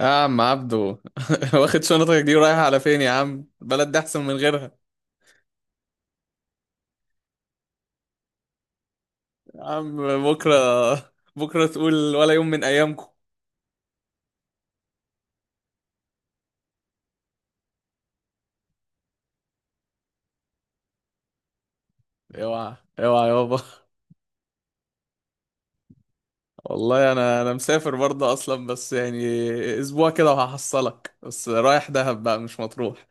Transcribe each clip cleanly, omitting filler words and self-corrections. يا عم عبدو واخد شنطتك دي ورايح على فين يا عم؟ البلد دي احسن من غيرها. يا عم، بكره بكره تقول ولا يوم من ايامكم. اوعى اوعى يابا. والله انا مسافر برضه اصلا، بس يعني اسبوع كده وهحصلك، بس رايح دهب بقى مش مطروح.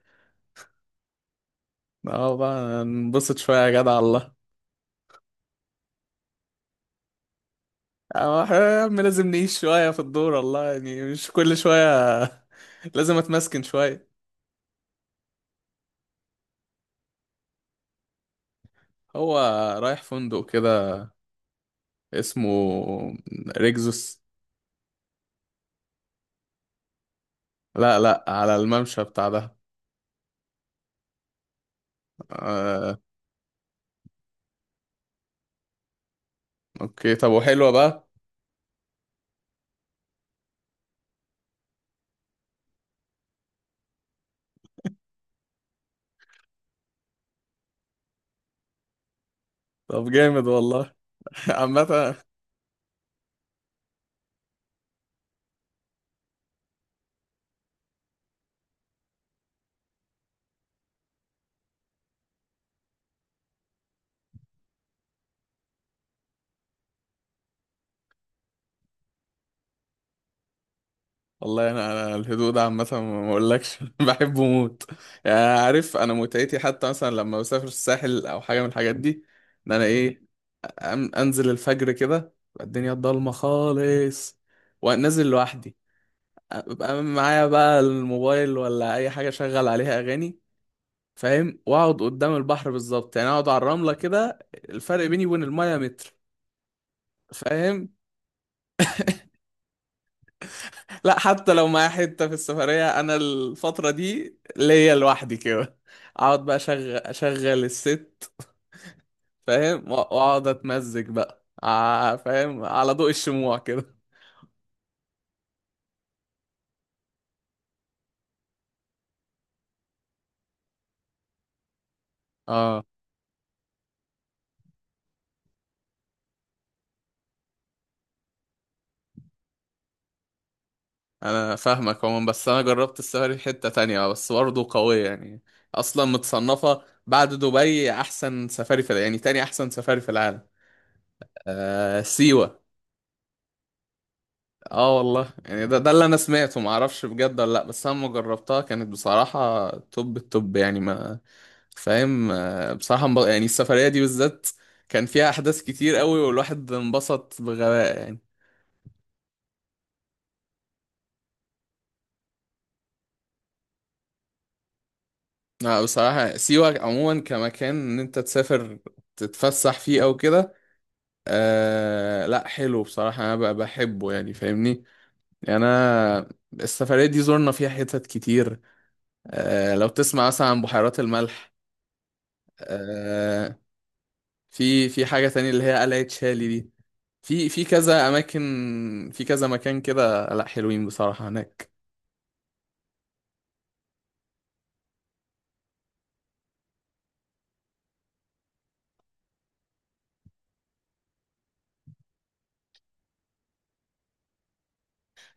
اه بقى ننبسط شويه يا جدع. الله. اه إحنا يا عم لازم نعيش شويه في الدور، والله يعني مش كل شويه لازم اتمسكن شويه. هو رايح فندق كده اسمه ريكزوس. لا لا، على الممشى بتاع ده. آه. اوكي طب وحلوة بقى. طب جامد والله عامة، والله انا الهدوء ده عامة ما اقولكش بحبه موت. يعني عارف انا متعتي حتى مثلا لما بسافر الساحل او حاجة من الحاجات دي، ان انا ايه، انزل الفجر كده تبقى الدنيا ضلمة خالص وانزل لوحدي، ببقى معايا بقى الموبايل ولا اي حاجة شغل عليها اغاني، فاهم، واقعد قدام البحر بالظبط، يعني اقعد على الرمله كده، الفرق بيني وبين المايه متر. فاهم. لا حتى لو معايا حته في السفريه انا الفتره دي ليا لوحدي كده، اقعد بقى اشغل اشغل الست. فاهم واقعد اتمزج بقى فاهم على ضوء الشموع كده. اه انا فاهمك عموما، بس انا جربت السفاري في حته تانية بس برضه قويه يعني، اصلا متصنفه بعد دبي احسن سفاري يعني تاني احسن سفاري في العالم. آه سيوه. اه والله يعني ده اللي انا سمعته ما اعرفش بجد ولا لا، بس انا لما جربتها كانت بصراحه توب التوب، يعني ما فاهم بصراحه يعني السفريه دي بالذات كان فيها احداث كتير قوي والواحد انبسط بغباء يعني. لا بصراحه سيوه عموما كمكان ان انت تسافر تتفسح فيه او كده، آه لا حلو بصراحه انا بحبه يعني، فاهمني؟ يعني انا السفريه دي زرنا فيها حتت كتير، آه لو تسمع مثلا عن بحيرات الملح آه، في حاجة تانية اللي هي قلعة شالي دي، في كذا أماكن في كذا مكان كده، لأ حلوين بصراحة هناك.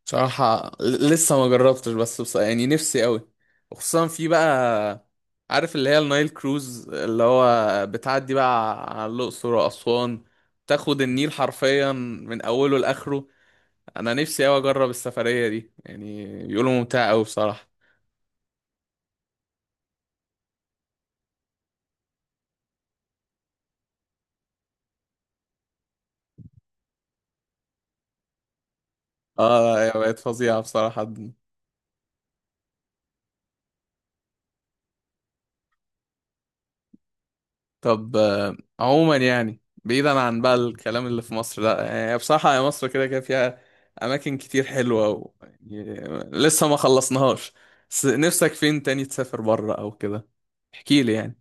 بصراحة لسه ما جربتش بس بص يعني نفسي أوي، وخصوصا في بقى، عارف اللي هي النايل كروز اللي هو بتعدي بقى على الأقصر وأسوان، تاخد النيل حرفيا من أوله لآخره. أنا نفسي أوي أجرب السفرية دي، يعني بيقولوا ممتعة أوي بصراحة. اه يا بقت فظيعة بصراحة. طب عموما يعني بعيدا عن بقى الكلام اللي في مصر، لا يعني بصراحة يا مصر كده كده فيها أماكن كتير حلوة يعني لسه ما خلصناهاش. بس نفسك فين تاني تسافر بره أو كده؟ احكي لي يعني.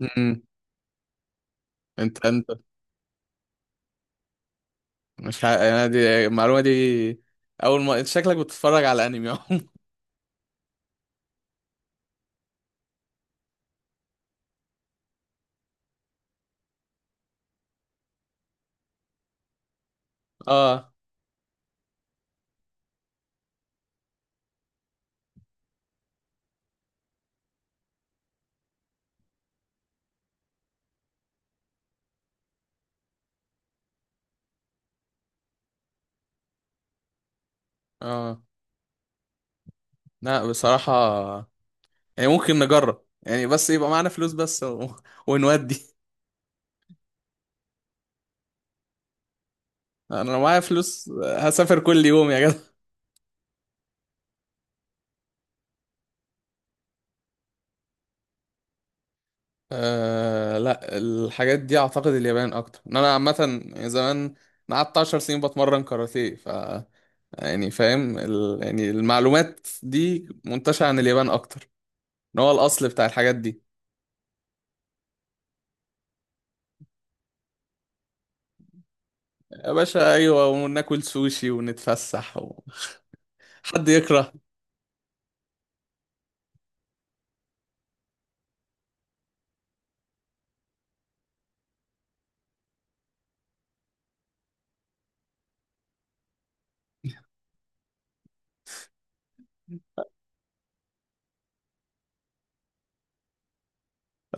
امم انت مش ح... أنا دي المعلومة دي أول ما أنت شكلك بتتفرج على أنمي أهو. اه اه. لا بصراحة يعني ممكن نجرب يعني، بس يبقى معانا فلوس بس ونودي. أنا لو معايا فلوس هسافر كل يوم يا جدع. أه لا الحاجات دي اعتقد اليابان اكتر ان انا، عامه زمان انا قعدت 10 سنين بتمرن كاراتيه، ف يعني فاهم يعني المعلومات دي منتشره عن اليابان اكتر ان هو الاصل بتاع الحاجات دي. يا باشا ايوه وناكل سوشي ونتفسح حد يكره.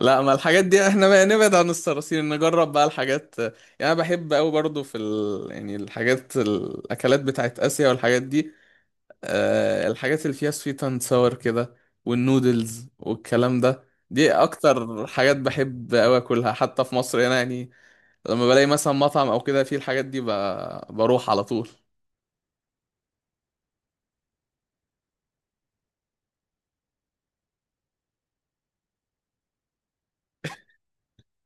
لا ما الحاجات دي احنا بقى نبعد عن الصراصير نجرب بقى الحاجات يعني، انا بحب قوي برضو في يعني الحاجات، الاكلات بتاعت اسيا والحاجات دي، الحاجات اللي فيها سويت اند ساور كده والنودلز والكلام ده، دي اكتر حاجات بحب اوي اكلها حتى في مصر هنا يعني، لما بلاقي مثلا مطعم او كده فيه الحاجات دي بروح على طول.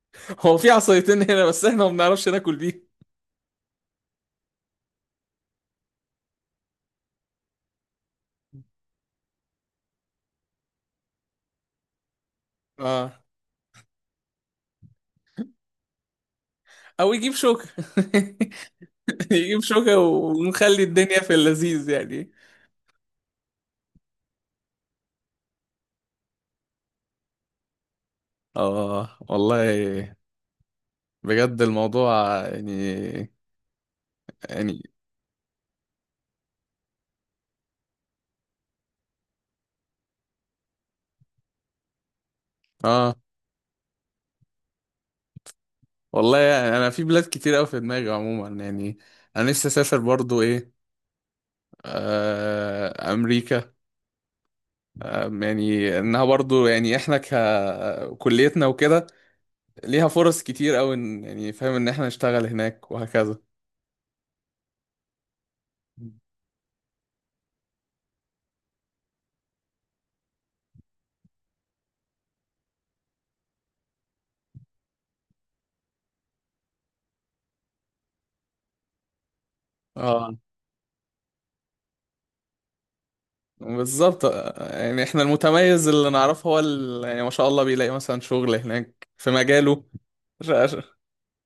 هو في عصايتين هنا بس احنا ما بنعرفش ناكل بيه. اه او يجيب شوكة. يجيب شوكة ونخلي الدنيا في اللذيذ يعني. اه والله بجد الموضوع يعني، يعني اه والله يعني انا في بلاد كتير قوي في دماغي عموما يعني، انا لسه اسافر برضو ايه، امريكا، يعني انها برضو يعني احنا ككليتنا وكده ليها فرص كتير قوي، يعني فاهم ان احنا نشتغل هناك وهكذا. اه بالظبط يعني احنا المتميز اللي نعرفه هو يعني ما شاء الله بيلاقي مثلا شغل هناك في مجاله.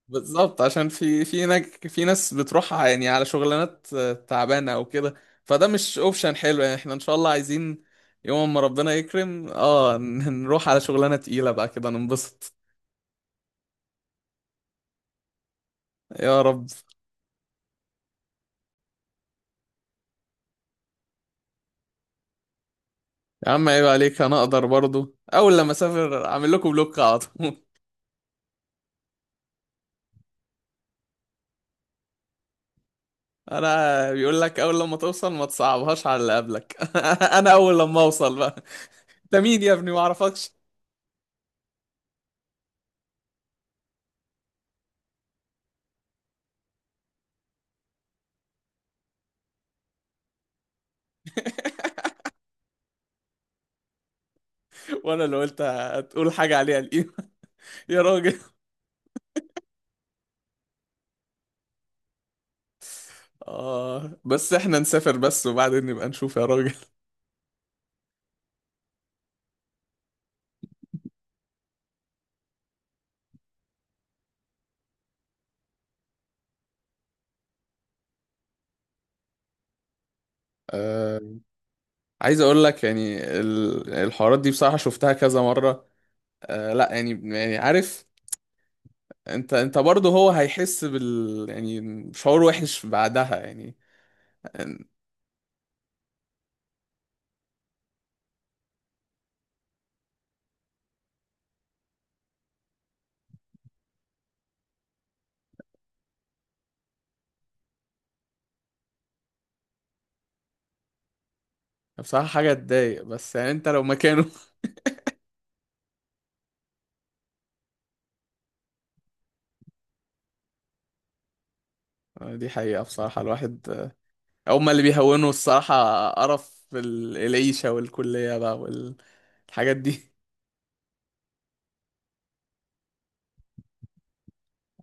بالظبط، عشان في ناس بتروح يعني على شغلانات تعبانه او كده، فده مش اوبشن حلو، يعني احنا ان شاء الله عايزين يوم ما ربنا يكرم اه نروح على شغلانه تقيله بقى كده ننبسط. يا رب. يا عم عيب عليك، انا اقدر برضو اول لما اسافر اعمل لكم بلوك على طول. انا بيقول لك اول لما توصل ما تصعبهاش على اللي قبلك. انا اول لما اوصل بقى، انت مين يا ابني ما اعرفكش؟ وانا اللي قلت هتقول حاجه عليها القيمه. يا راجل. آه بس احنا نسافر بس وبعدين نبقى نشوف يا راجل. آه عايز اقول لك يعني الحوارات دي بصراحة شفتها كذا مرة، آه لا يعني، يعني عارف انت برضه هو هيحس بال يعني شعور وحش بعدها يعني، آه، بصراحة حاجة تضايق، بس يعني انت لو مكانه. دي حقيقة بصراحة، الواحد هما اللي بيهونوا، الصراحة قرف العيشة والكلية بقى والحاجات دي.